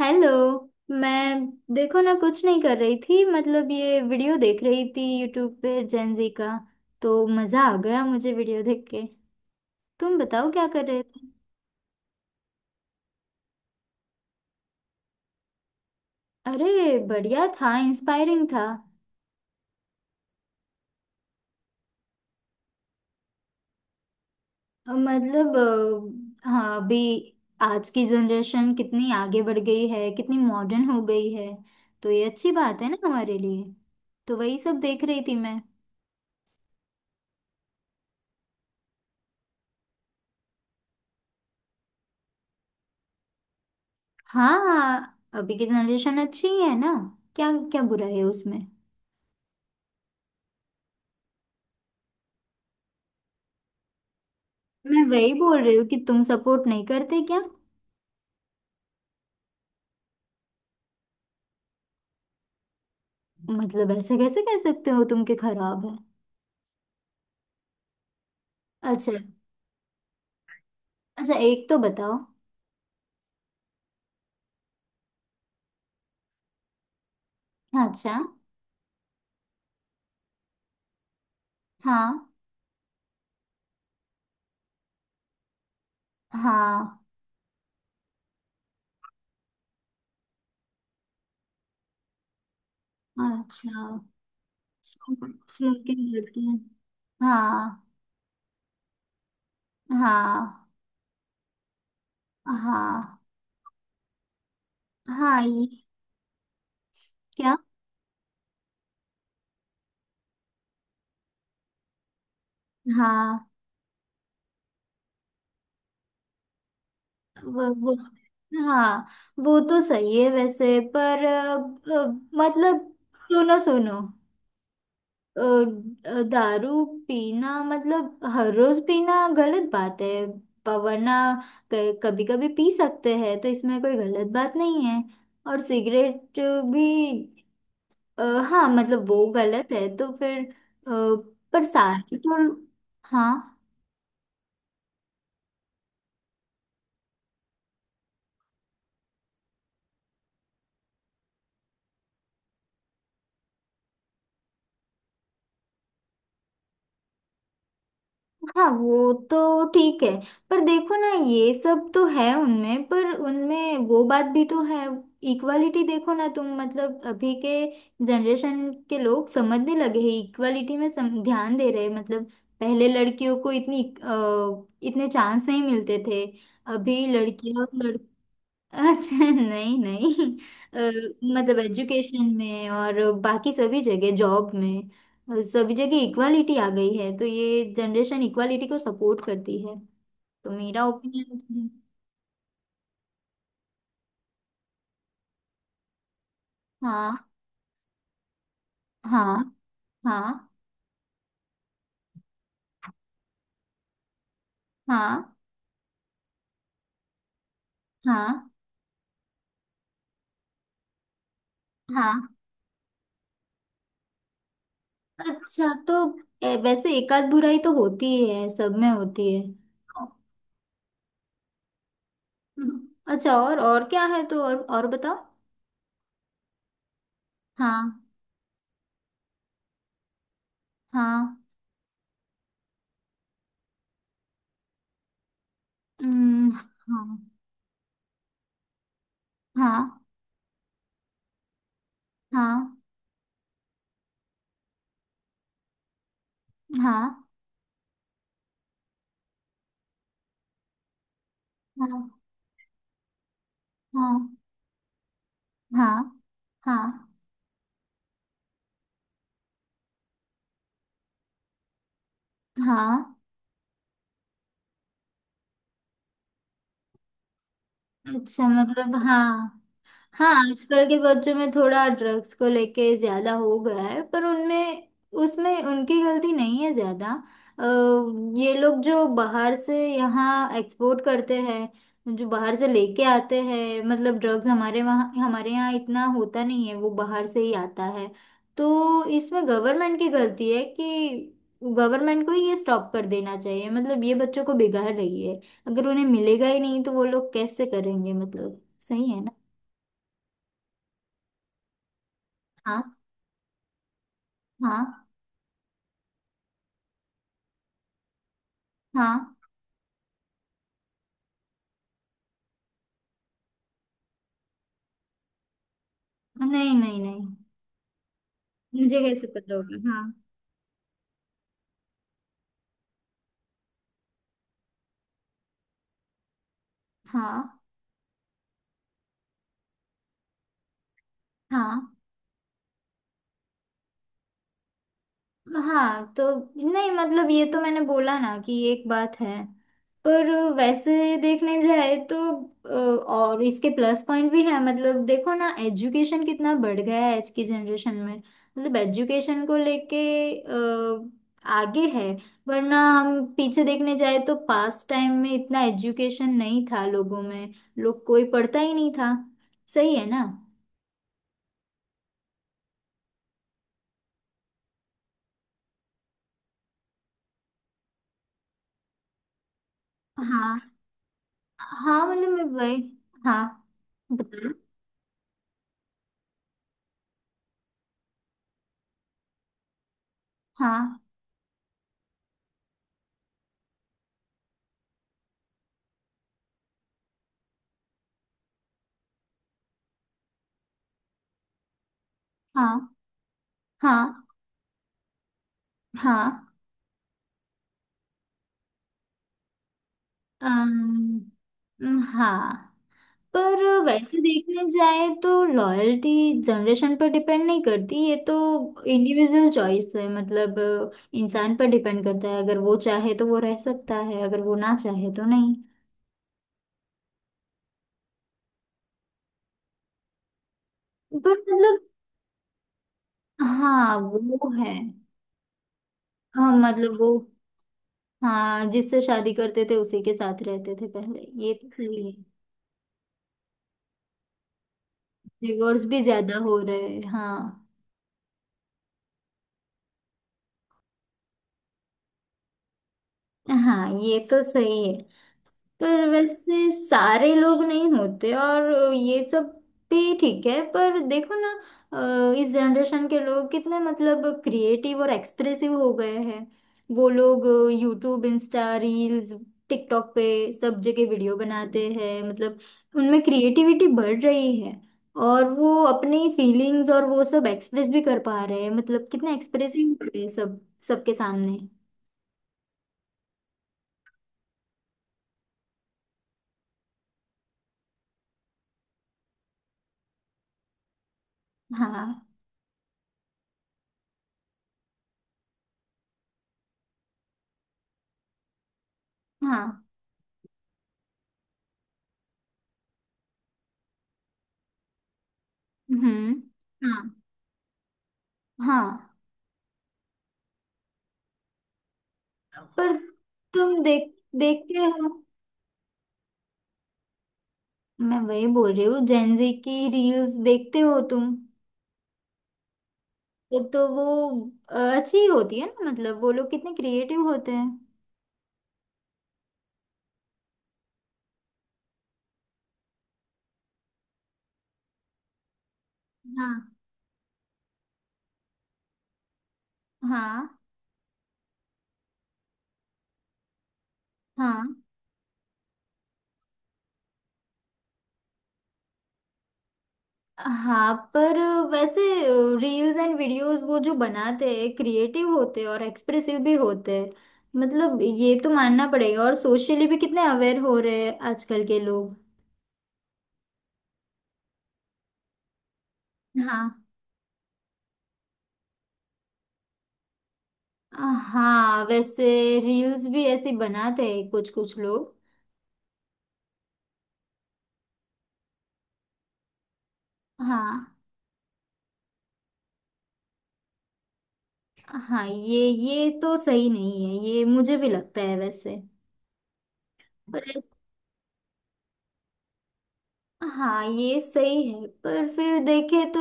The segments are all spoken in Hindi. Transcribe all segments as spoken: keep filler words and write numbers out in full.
हेलो। मैं देखो ना कुछ नहीं कर रही थी। मतलब ये वीडियो देख रही थी यूट्यूब पे जेनजी का। तो मज़ा आ गया मुझे वीडियो देख के। तुम बताओ क्या कर रहे थे? अरे, बढ़िया था, इंस्पायरिंग था। अ, मतलब अ, हाँ, अभी आज की जनरेशन कितनी आगे बढ़ गई है, कितनी मॉडर्न हो गई है। तो ये अच्छी बात है ना हमारे लिए। तो वही सब देख रही थी मैं। हाँ, अभी की जनरेशन अच्छी ही है ना। क्या क्या बुरा है उसमें? मैं वही बोल रही हूँ कि तुम सपोर्ट नहीं करते क्या? मतलब ऐसे कैसे कह सकते हो तुम के खराब है? अच्छा। अच्छा, एक तो बताओ। अच्छा। हाँ, हाँ। अच्छा। स्मोकिंग करते हैं। हाँ। हाँ। हाँ। हाँ। ये क्या? हाँ। वो वो। हाँ। वो तो सही है वैसे, पर अ, अ, मतलब सुनो सुनो, अ, अ, दारू पीना मतलब हर रोज पीना गलत बात है। प- वरना कभी कभी पी सकते हैं तो इसमें कोई गलत बात नहीं है। और सिगरेट भी अ, हाँ, मतलब वो गलत है तो फिर अ, पर सारी तो हाँ। हाँ, वो तो ठीक है। पर देखो ना ये सब तो है उनमें, पर उनमें वो बात भी तो है। इक्वालिटी देखो ना तुम, मतलब अभी के जनरेशन के लोग समझने लगे हैं, इक्वालिटी में सम, ध्यान दे रहे हैं। मतलब पहले लड़कियों को इतनी अ, इतने चांस नहीं मिलते थे। अभी लड़कियां। अच्छा, नहीं नहीं। अ, मतलब एजुकेशन में और बाकी सभी जगह, जॉब में अ, सभी जगह इक्वालिटी आ गई है तो ये जनरेशन इक्वालिटी को सपोर्ट करती है। तो मेरा ओपिनियन। हाँ। हाँ। हाँ। हाँ। हाँ। हाँ। अच्छा, तो ए, वैसे एक आध बुराई तो होती ही है, सब में होती है। अच्छा, और और क्या है? तो और और बताओ। हाँ। हाँ। हम्म, हाँ। हाँ। हाँ। हाँ। हाँ। हाँ। हाँ। हाँ। हाँ। अच्छा। मतलब हाँ। हाँ, आजकल के बच्चों में थोड़ा ड्रग्स को लेके ज्यादा हो गया है, पर उनमें उसमें उनकी गलती नहीं है ज्यादा। अ, ये लोग जो बाहर से यहाँ एक्सपोर्ट करते हैं, जो बाहर से लेके आते हैं, मतलब ड्रग्स हमारे वहाँ हमारे यहाँ इतना होता नहीं है, वो बाहर से ही आता है। तो इसमें गवर्नमेंट की गलती है कि गवर्नमेंट को ही ये स्टॉप कर देना चाहिए। मतलब ये बच्चों को बिगाड़ रही है। अगर उन्हें मिलेगा ही नहीं तो वो लोग कैसे करेंगे? मतलब सही है ना। हाँ। हाँ। हाँ। नहीं नहीं नहीं, मुझे कैसे पता होगा। हाँ। हाँ। हाँ। हाँ तो नहीं, मतलब ये तो मैंने बोला ना कि एक बात है। पर वैसे देखने जाए तो अ, और इसके प्लस पॉइंट भी है। मतलब देखो ना एजुकेशन कितना बढ़ गया है आज की जनरेशन में, मतलब एजुकेशन को लेके अ, आगे है। वरना हम पीछे देखने जाए तो पास्ट टाइम में इतना एजुकेशन नहीं था लोगों में। लोग कोई पढ़ता ही नहीं था। सही है ना। हाँ। हाँ, मतलब मैं वही। हाँ बताओ। हाँ। हाँ। हाँ। हाँ। अम, अम, हाँ, पर वैसे देखने जाए तो लॉयल्टी जनरेशन पर डिपेंड नहीं करती ये तो। इंडिविजुअल चॉइस है। मतलब अ, इंसान पर डिपेंड करता है। अगर वो चाहे तो वो रह सकता है, अगर वो ना चाहे तो नहीं। पर मतलब हाँ वो है। हाँ मतलब वो। हाँ, जिससे शादी करते थे उसी के साथ रहते थे पहले, ये तो सही है। डिवोर्स भी ज्यादा हो रहे हैं, हाँ। हाँ, ये तो सही है, पर वैसे सारे लोग नहीं होते और ये सब भी ठीक है। पर देखो ना अ, इस जनरेशन के लोग कितने मतलब क्रिएटिव और एक्सप्रेसिव हो गए हैं। वो लोग यूट्यूब, इंस्टा रील्स, टिकटॉक पे सब जगह वीडियो बनाते हैं। मतलब उनमें क्रिएटिविटी बढ़ रही है और वो अपनी फीलिंग्स और वो सब एक्सप्रेस भी कर पा रहे हैं। मतलब कितने एक्सप्रेसिव हो गए सब, सबके सामने। हाँ। हाँ। हम्म। हाँ। हाँ। पर तुम देख देखते हो? मैं वही बोल रही हूँ, जेनजी की रील्स देखते हो तुम? तो, तो वो अ, अच्छी ही होती है ना। मतलब वो लोग कितने क्रिएटिव होते हैं। हाँ। हाँ। हाँ। हाँ। पर वैसे रील्स एंड वीडियोस वो जो बनाते हैं क्रिएटिव होते हैं और एक्सप्रेसिव भी होते हैं। मतलब ये तो मानना पड़ेगा। और सोशली भी कितने अवेयर हो रहे हैं आजकल के लोग। हाँ। हाँ, वैसे रील्स भी ऐसे बनाते हैं कुछ कुछ लोग। हाँ। हाँ, ये ये तो सही नहीं है, ये मुझे भी लगता है वैसे। पर ऐस- हाँ, ये सही है, पर फिर देखे तो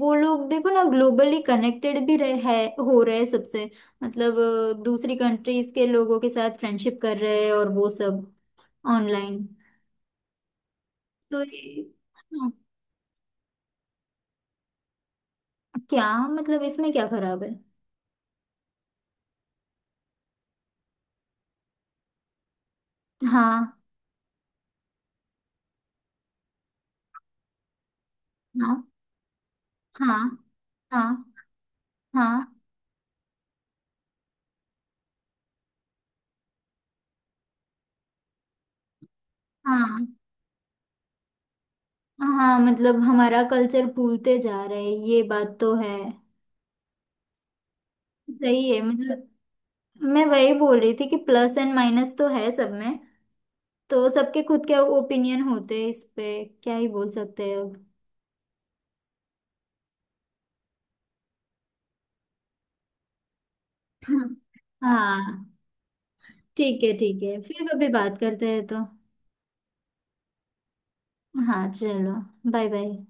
वो लोग देखो ना ग्लोबली कनेक्टेड भी रहे है हो रहे हैं सबसे। मतलब अ, दूसरी कंट्रीज के लोगों के साथ फ्रेंडशिप कर रहे हैं और वो सब ऑनलाइन। तो ये हाँ, क्या? मतलब इसमें क्या खराब है? हाँ। हाँ। हाँ। हाँ। हाँ। हाँ। हाँ, मतलब हमारा कल्चर भूलते जा रहे हैं, ये बात तो है। सही है, मतलब मैं वही बोल रही थी कि प्लस एंड माइनस तो है सब में। तो सबके खुद के ओपिनियन होते हैं, इस पे क्या ही बोल सकते हैं अब। हाँ। ठीक है ठीक है, फिर कभी बात करते हैं तो। हाँ, चलो, बाय बाय।